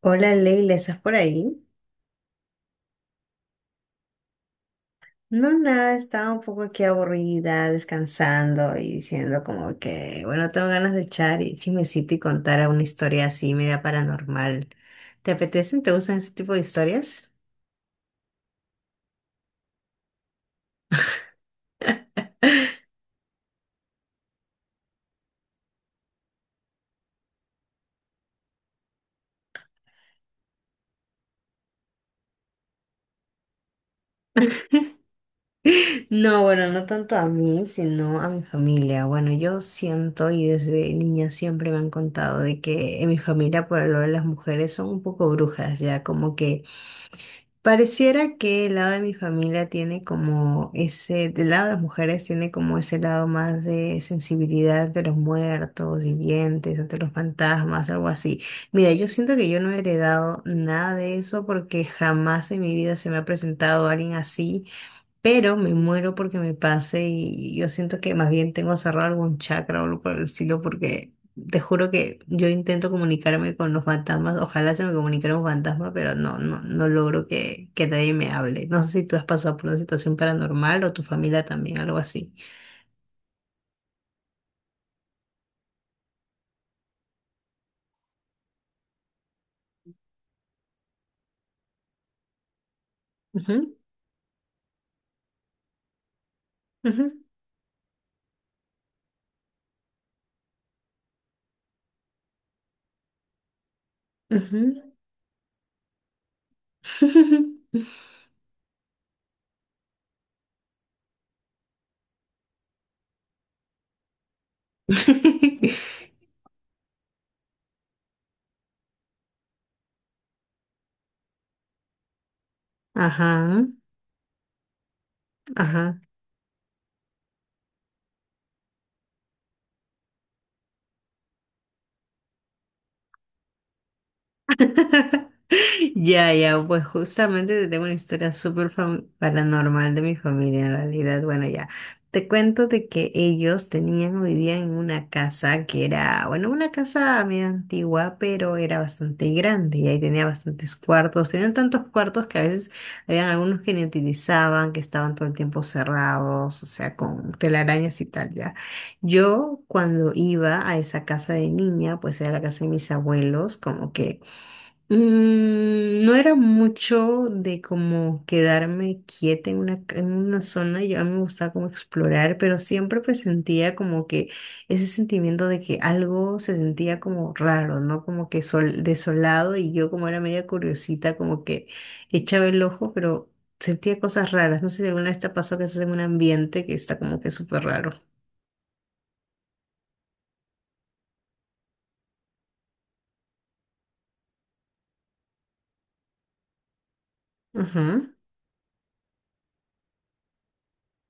Hola Leila, ¿estás por ahí? No, nada, estaba un poco aquí aburrida, descansando y diciendo como que, bueno, tengo ganas de echar y chismecito y contar una historia así media paranormal. ¿Te apetecen? ¿Te gustan ese tipo de historias? No, bueno, no tanto a mí, sino a mi familia. Bueno, yo siento y desde niña siempre me han contado de que en mi familia por lo de las mujeres son un poco brujas, ya como que pareciera que el lado de mi familia tiene como ese, del lado de las mujeres tiene como ese lado más de sensibilidad ante los muertos, vivientes, ante los fantasmas, algo así. Mira, yo siento que yo no he heredado nada de eso porque jamás en mi vida se me ha presentado alguien así, pero me muero porque me pase y yo siento que más bien tengo cerrado algún chakra o algo por el estilo porque te juro que yo intento comunicarme con los fantasmas, ojalá se me comunicara un fantasma, pero no, no, no logro que nadie me hable. No sé si tú has pasado por una situación paranormal o tu familia también, algo así. Ujú, ujú, ujú. Ajá, ajá. Ya, ya, pues justamente te tengo una historia súper paranormal de mi familia en realidad. Bueno, ya, te cuento de que ellos tenían o vivían en una casa que era, bueno, una casa medio antigua, pero era bastante grande y ahí tenía bastantes cuartos. Tenían tantos cuartos que a veces habían algunos que ni utilizaban, que estaban todo el tiempo cerrados, o sea, con telarañas y tal, ya. Yo cuando iba a esa casa de niña, pues era la casa de mis abuelos, como que no era mucho de como quedarme quieta en en una zona, yo a mí me gustaba como explorar, pero siempre presentía como que ese sentimiento de que algo se sentía como raro, ¿no? Como que sol, desolado y yo como era media curiosita, como que echaba el ojo, pero sentía cosas raras. No sé si alguna vez te ha pasado que estás en un ambiente que está como que súper raro.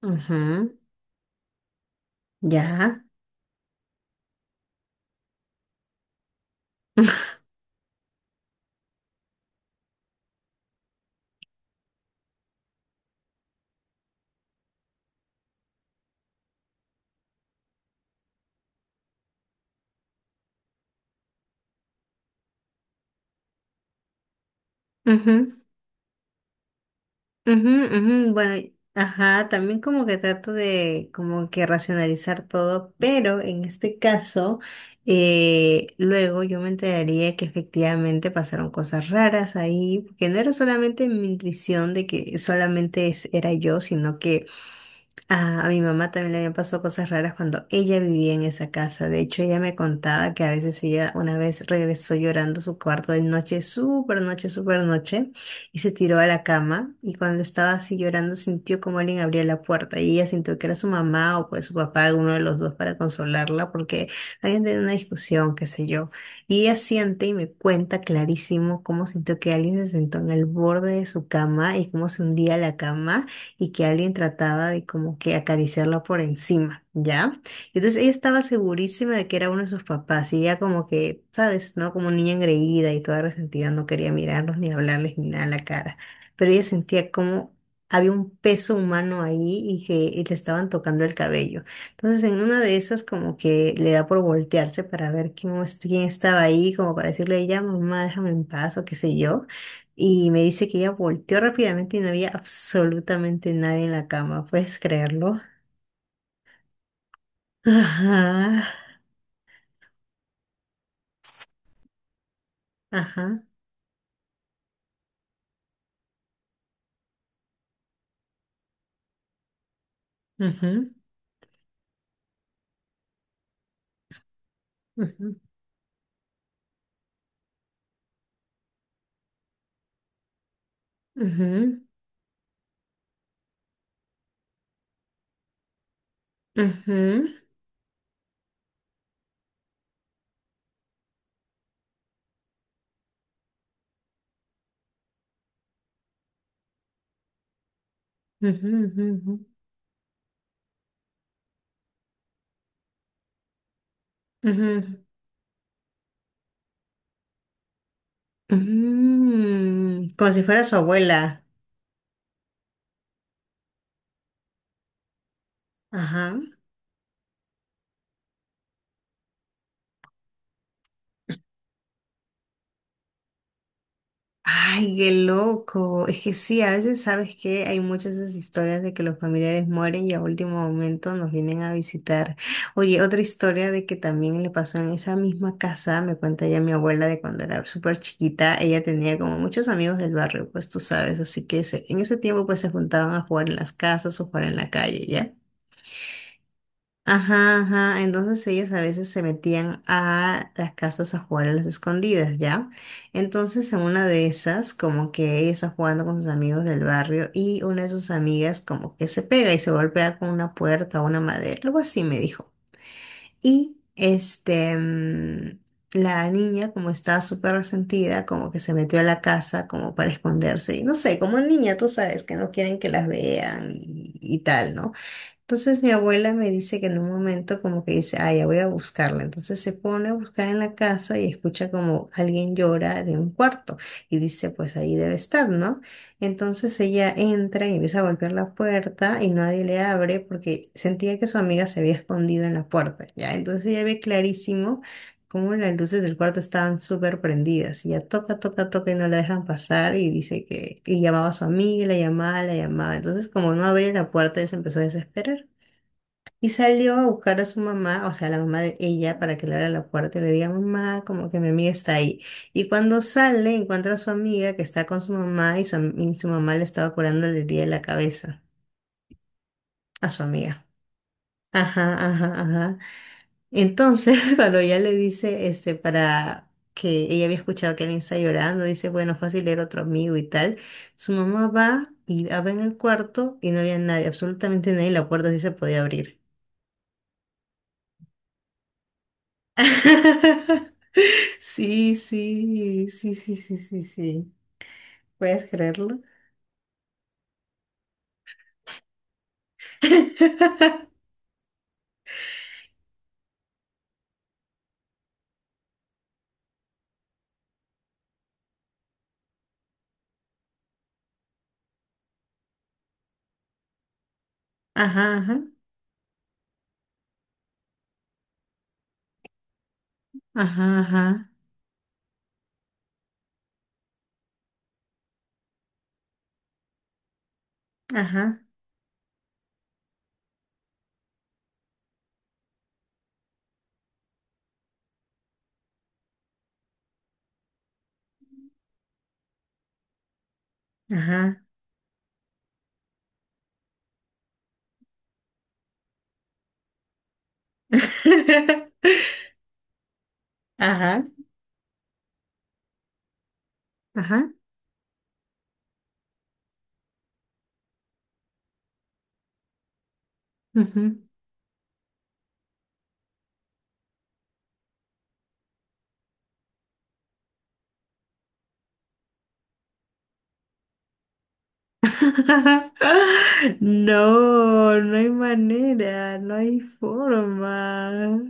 Ujú, ujú, ya. Ujú, ujú, bueno, ajá, también como que trato de como que racionalizar todo, pero en este caso, luego yo me enteraría que efectivamente pasaron cosas raras ahí, que no era solamente mi intuición de que solamente era yo, sino que a mi mamá también le habían pasado cosas raras cuando ella vivía en esa casa. De hecho, ella me contaba que a veces ella una vez regresó llorando a su cuarto de noche, súper noche, súper noche, y se tiró a la cama. Y cuando estaba así llorando, sintió como alguien abría la puerta. Y ella sintió que era su mamá o pues su papá, alguno de los dos, para consolarla, porque habían tenido una discusión, qué sé yo. Y ella siente y me cuenta clarísimo cómo sintió que alguien se sentó en el borde de su cama y cómo se hundía la cama y que alguien trataba de como que acariciarla por encima, ¿ya? Entonces ella estaba segurísima de que era uno de sus papás y ella como que, ¿sabes? ¿No? Como niña engreída y toda resentida, no quería mirarlos ni hablarles ni nada a la cara, pero ella sentía como... había un peso humano ahí y que y le estaban tocando el cabello. Entonces, en una de esas, como que le da por voltearse para ver quién estaba ahí, como para decirle, ya, mamá, déjame en paz o qué sé yo. Y me dice que ella volteó rápidamente y no había absolutamente nadie en la cama. ¿Puedes creerlo? Ajá, ajá, ujú, ujú, ujú, ujú, ujú, ujú, ujú, ujú. Como si fuera su abuela. Ajá. Ay, qué loco. Es que sí, a veces sabes que hay muchas de esas historias de que los familiares mueren y a último momento nos vienen a visitar. Oye, otra historia de que también le pasó en esa misma casa, me cuenta ya mi abuela de cuando era súper chiquita, ella tenía como muchos amigos del barrio, pues tú sabes, así que en ese tiempo pues se juntaban a jugar en las casas o jugar en la calle, ¿ya? Ajá, ajá. Entonces ellos a veces se metían a las casas a jugar a las escondidas, ¿ya? Entonces en una de esas, como que ella está jugando con sus amigos del barrio y una de sus amigas como que se pega y se golpea con una puerta o una madera, algo así me dijo. Y este, la niña como estaba súper resentida, como que se metió a la casa como para esconderse. Y no sé, como niña, tú sabes que no quieren que las vean y tal, ¿no? Entonces mi abuela me dice que en un momento como que dice, ah, ya voy a buscarla. Entonces se pone a buscar en la casa y escucha como alguien llora de un cuarto y dice, pues ahí debe estar, ¿no? Entonces ella entra y empieza a golpear la puerta y nadie le abre porque sentía que su amiga se había escondido en la puerta, ¿ya? Entonces ella ve clarísimo cómo las luces del cuarto estaban súper prendidas. Y ya toca, toca, toca y no la dejan pasar y dice que y llamaba a su amiga, y la llamaba, la llamaba. Entonces como no abría la puerta, ella se empezó a desesperar. Y salió a buscar a su mamá, o sea, a la mamá de ella, para que le abra la puerta y le diga, mamá, como que mi amiga está ahí. Y cuando sale, encuentra a su amiga que está con su mamá y y su mamá le estaba curando la herida de la cabeza a su amiga. Ajá, ajá, ajá. Entonces, cuando ella le dice, este, para que ella había escuchado que alguien está llorando, dice, bueno, fácil era otro amigo y tal. Su mamá va y abre en el cuarto y no había nadie, absolutamente nadie, la puerta sí se podía abrir. Sí, sí, sí, sí, sí, sí, sí. ¿Puedes creerlo? Ajá, ajá, ajá, ajá, ajá, ajá. Ajá, ajá. Ujú. No, no hay manera, no hay forma.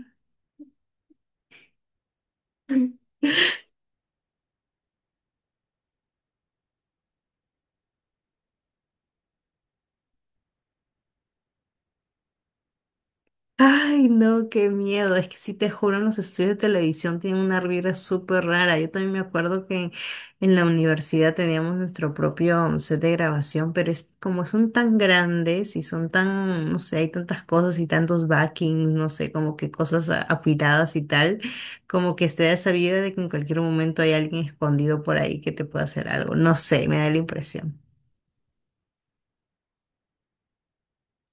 Ay, no, qué miedo. Es que sí te juro, en los estudios de televisión tienen una vibra súper rara. Yo también me acuerdo que en la universidad teníamos nuestro propio set de grabación, pero es como son tan grandes y son tan, no sé, hay tantas cosas y tantos backings, no sé, como que cosas afiladas y tal, como que está esa vibra de que en cualquier momento hay alguien escondido por ahí que te pueda hacer algo. No sé, me da la impresión.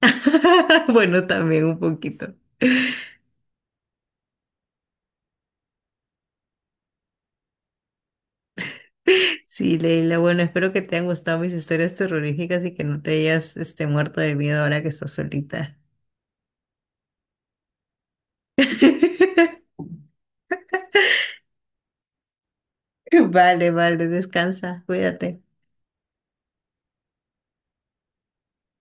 Bueno, también un poquito. Sí, Leila, bueno, espero que te hayan gustado mis historias terroríficas y que no te hayas este, muerto de miedo ahora que estás solita. Vale, vale, descansa, cuídate.